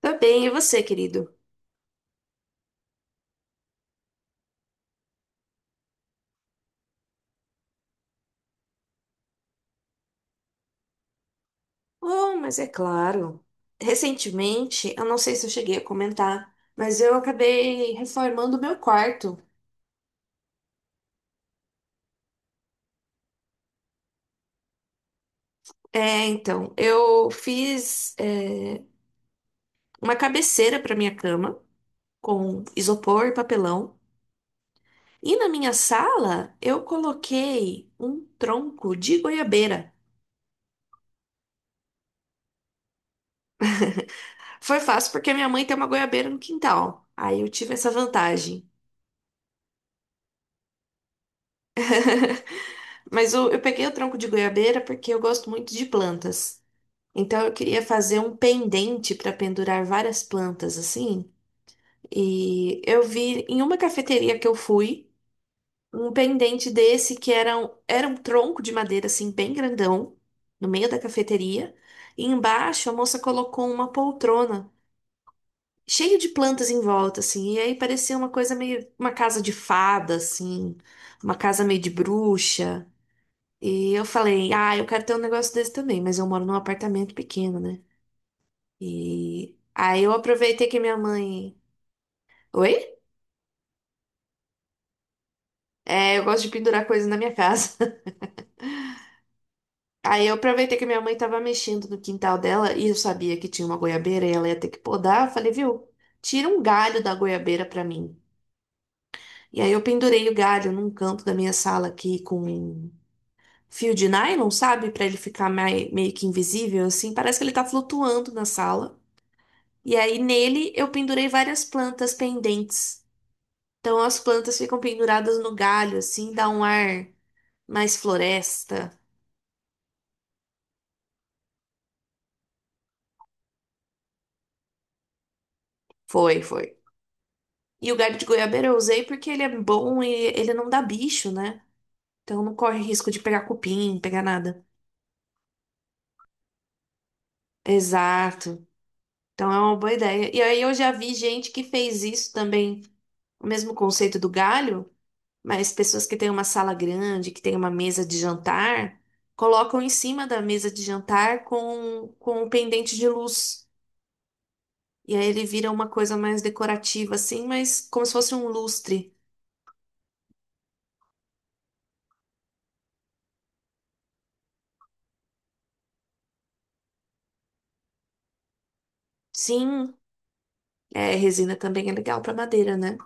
Tá bem, e você, querido? Oh, mas é claro. Recentemente, eu não sei se eu cheguei a comentar, mas eu acabei reformando o meu quarto. Então eu fiz uma cabeceira para minha cama com isopor e papelão. E na minha sala, eu coloquei um tronco de goiabeira. Foi fácil porque minha mãe tem uma goiabeira no quintal. Aí eu tive essa vantagem. Mas eu peguei o tronco de goiabeira porque eu gosto muito de plantas. Então eu queria fazer um pendente para pendurar várias plantas assim. E eu vi em uma cafeteria que eu fui um pendente desse que era um tronco de madeira assim bem grandão no meio da cafeteria. E embaixo a moça colocou uma poltrona cheia de plantas em volta assim. E aí parecia uma coisa meio uma casa de fada assim, uma casa meio de bruxa. E eu falei, ah, eu quero ter um negócio desse também, mas eu moro num apartamento pequeno, né? E aí eu aproveitei que minha mãe. Oi? É, eu gosto de pendurar coisas na minha casa. Aí eu aproveitei que minha mãe tava mexendo no quintal dela e eu sabia que tinha uma goiabeira e ela ia ter que podar. Eu falei, viu? Tira um galho da goiabeira pra mim. E aí eu pendurei o galho num canto da minha sala aqui com um fio de nylon, sabe? Pra ele ficar meio que invisível assim. Parece que ele tá flutuando na sala. E aí nele eu pendurei várias plantas pendentes. Então as plantas ficam penduradas no galho assim, dá um ar mais floresta. Foi, foi. E o galho de goiabeira eu usei porque ele é bom e ele não dá bicho, né? Então não corre risco de pegar cupim, pegar nada. Exato. Então é uma boa ideia. E aí eu já vi gente que fez isso também, o mesmo conceito do galho, mas pessoas que têm uma sala grande, que têm uma mesa de jantar, colocam em cima da mesa de jantar com um pendente de luz. E aí ele vira uma coisa mais decorativa, assim, mas como se fosse um lustre. Sim. É, resina também é legal para madeira, né?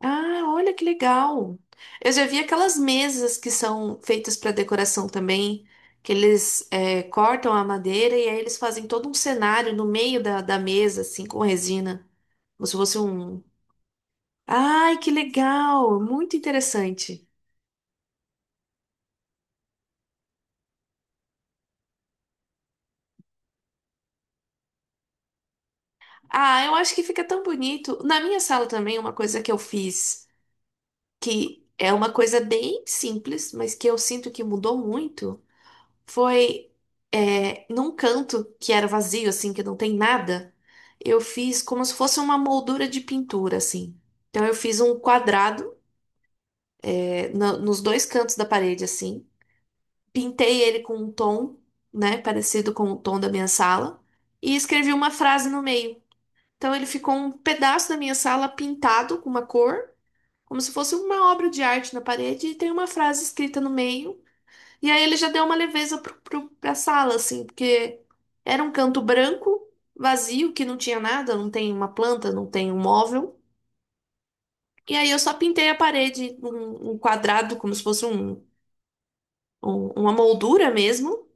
Ah, olha que legal. Eu já vi aquelas mesas que são feitas para decoração também, que eles é, cortam a madeira e aí eles fazem todo um cenário no meio da mesa, assim, com resina. Como se fosse um. Ai, que legal! Muito interessante. Ah, eu acho que fica tão bonito. Na minha sala também, uma coisa que eu fiz, que é uma coisa bem simples, mas que eu sinto que mudou muito. Foi num canto que era vazio, assim, que não tem nada. Eu fiz como se fosse uma moldura de pintura, assim. Então eu fiz um quadrado nos dois cantos da parede, assim. Pintei ele com um tom, né, parecido com o tom da minha sala. E escrevi uma frase no meio. Então ele ficou um pedaço da minha sala pintado com uma cor, como se fosse uma obra de arte na parede, e tem uma frase escrita no meio. E aí ele já deu uma leveza pra sala, assim, porque era um canto branco, vazio, que não tinha nada, não tem uma planta, não tem um móvel. E aí eu só pintei a parede um quadrado, como se fosse uma moldura mesmo,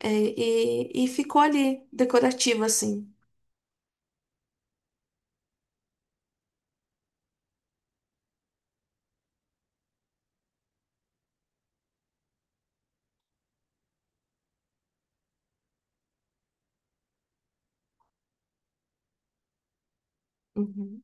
e ficou ali, decorativo, assim. Uhum.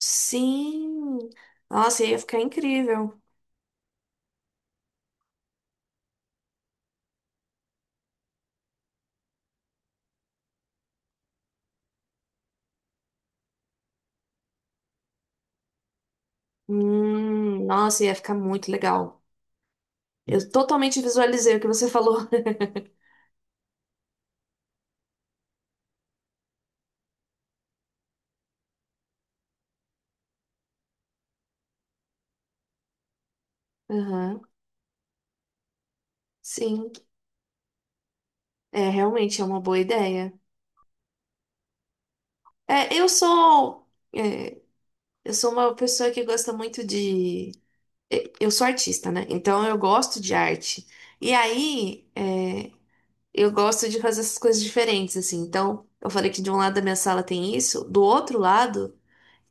Sim! Nossa, ia ficar incrível. Nossa, ia ficar muito legal. Eu totalmente visualizei o que você falou. Aham, sim. É, realmente é uma boa ideia. É, eu sou, é, eu sou uma pessoa que gosta muito de. Eu sou artista, né? Então eu gosto de arte. E aí eu gosto de fazer essas coisas diferentes, assim. Então, eu falei que de um lado da minha sala tem isso, do outro lado,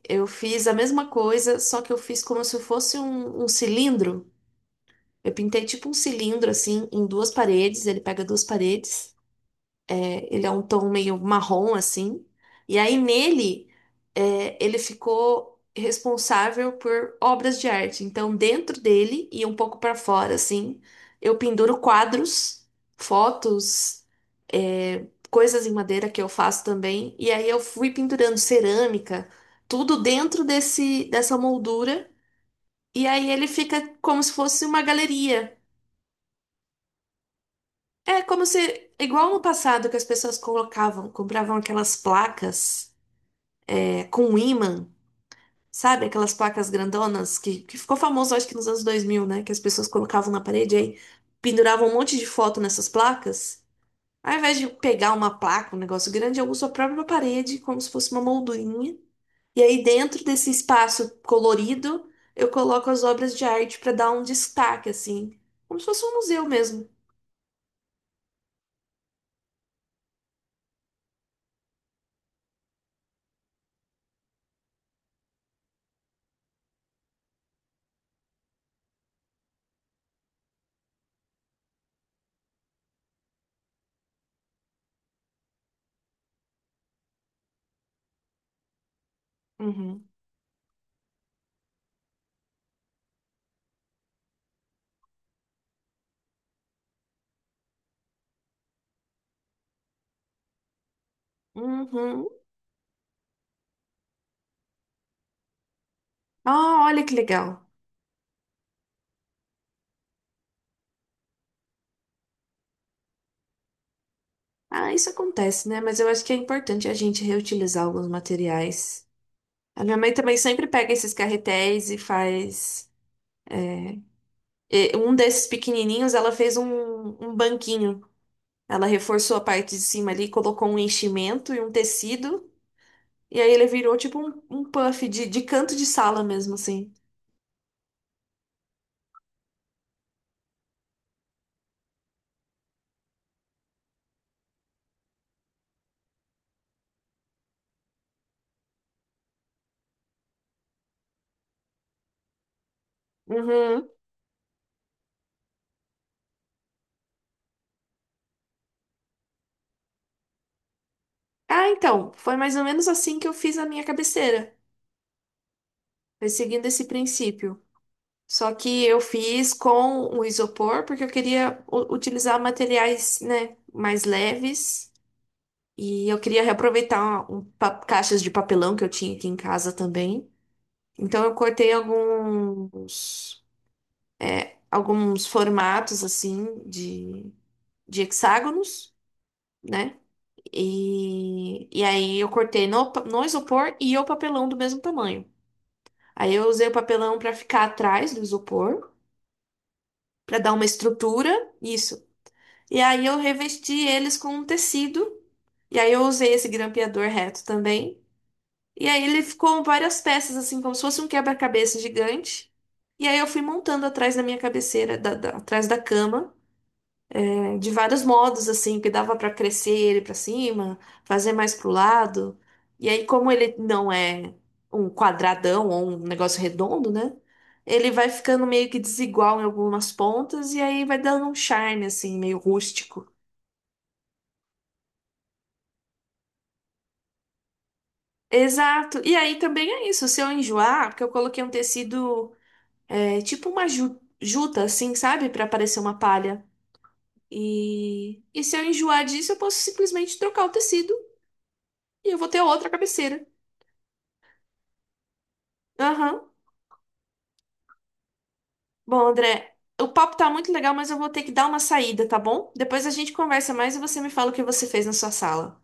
eu fiz a mesma coisa, só que eu fiz como se fosse um cilindro. Eu pintei tipo um cilindro assim em duas paredes, ele pega duas paredes, ele é um tom meio marrom assim, e aí nele ele ficou responsável por obras de arte. Então dentro dele e um pouco para fora assim, eu penduro quadros, fotos, é, coisas em madeira que eu faço também, e aí eu fui pendurando cerâmica, tudo dentro desse dessa moldura. E aí ele fica como se fosse uma galeria. É como se, igual no passado que as pessoas colocavam, compravam aquelas placas é, com um ímã, sabe? Aquelas placas grandonas que ficou famoso, acho que nos anos 2000, né? Que as pessoas colocavam na parede e aí, penduravam um monte de foto nessas placas. Ao invés de pegar uma placa, um negócio grande, eu uso a própria parede como se fosse uma moldurinha. E aí dentro desse espaço colorido, eu coloco as obras de arte para dar um destaque, assim. Como se fosse um museu mesmo. Uhum. Uhum. Ah, olha que legal. Ah, isso acontece, né? Mas eu acho que é importante a gente reutilizar alguns materiais. A minha mãe também sempre pega esses carretéis e faz. E Um desses pequenininhos, ela fez um banquinho. Ela reforçou a parte de cima ali, colocou um enchimento e um tecido. E aí ele virou tipo um puff de canto de sala mesmo, assim. Uhum. Ah, então, foi mais ou menos assim que eu fiz a minha cabeceira. Foi seguindo esse princípio. Só que eu fiz com o isopor, porque eu queria utilizar materiais, né, mais leves. E eu queria reaproveitar caixas de papelão que eu tinha aqui em casa também. Então eu cortei alguns, alguns formatos, assim, de hexágonos, né? E aí eu cortei no isopor e o papelão do mesmo tamanho. Aí eu usei o papelão para ficar atrás do isopor, para dar uma estrutura. Isso. E aí eu revesti eles com um tecido. E aí eu usei esse grampeador reto também. E aí ele ficou várias peças, assim, como se fosse um quebra-cabeça gigante. E aí eu fui montando atrás da minha cabeceira, atrás da cama, eh, de vários modos, assim, que dava pra crescer ele pra cima, fazer mais pro lado. E aí, como ele não é um quadradão ou um negócio redondo, né? Ele vai ficando meio que desigual em algumas pontas e aí vai dando um charme, assim, meio rústico. Exato. E aí também é isso. Se eu enjoar, porque eu coloquei um tecido é, tipo uma juta, assim, sabe? Pra parecer uma palha. E... se eu enjoar disso, eu posso simplesmente trocar o tecido e eu vou ter outra cabeceira. Aham. Bom, André, o papo tá muito legal, mas eu vou ter que dar uma saída, tá bom? Depois a gente conversa mais e você me fala o que você fez na sua sala.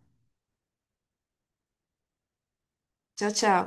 Tchau, tchau.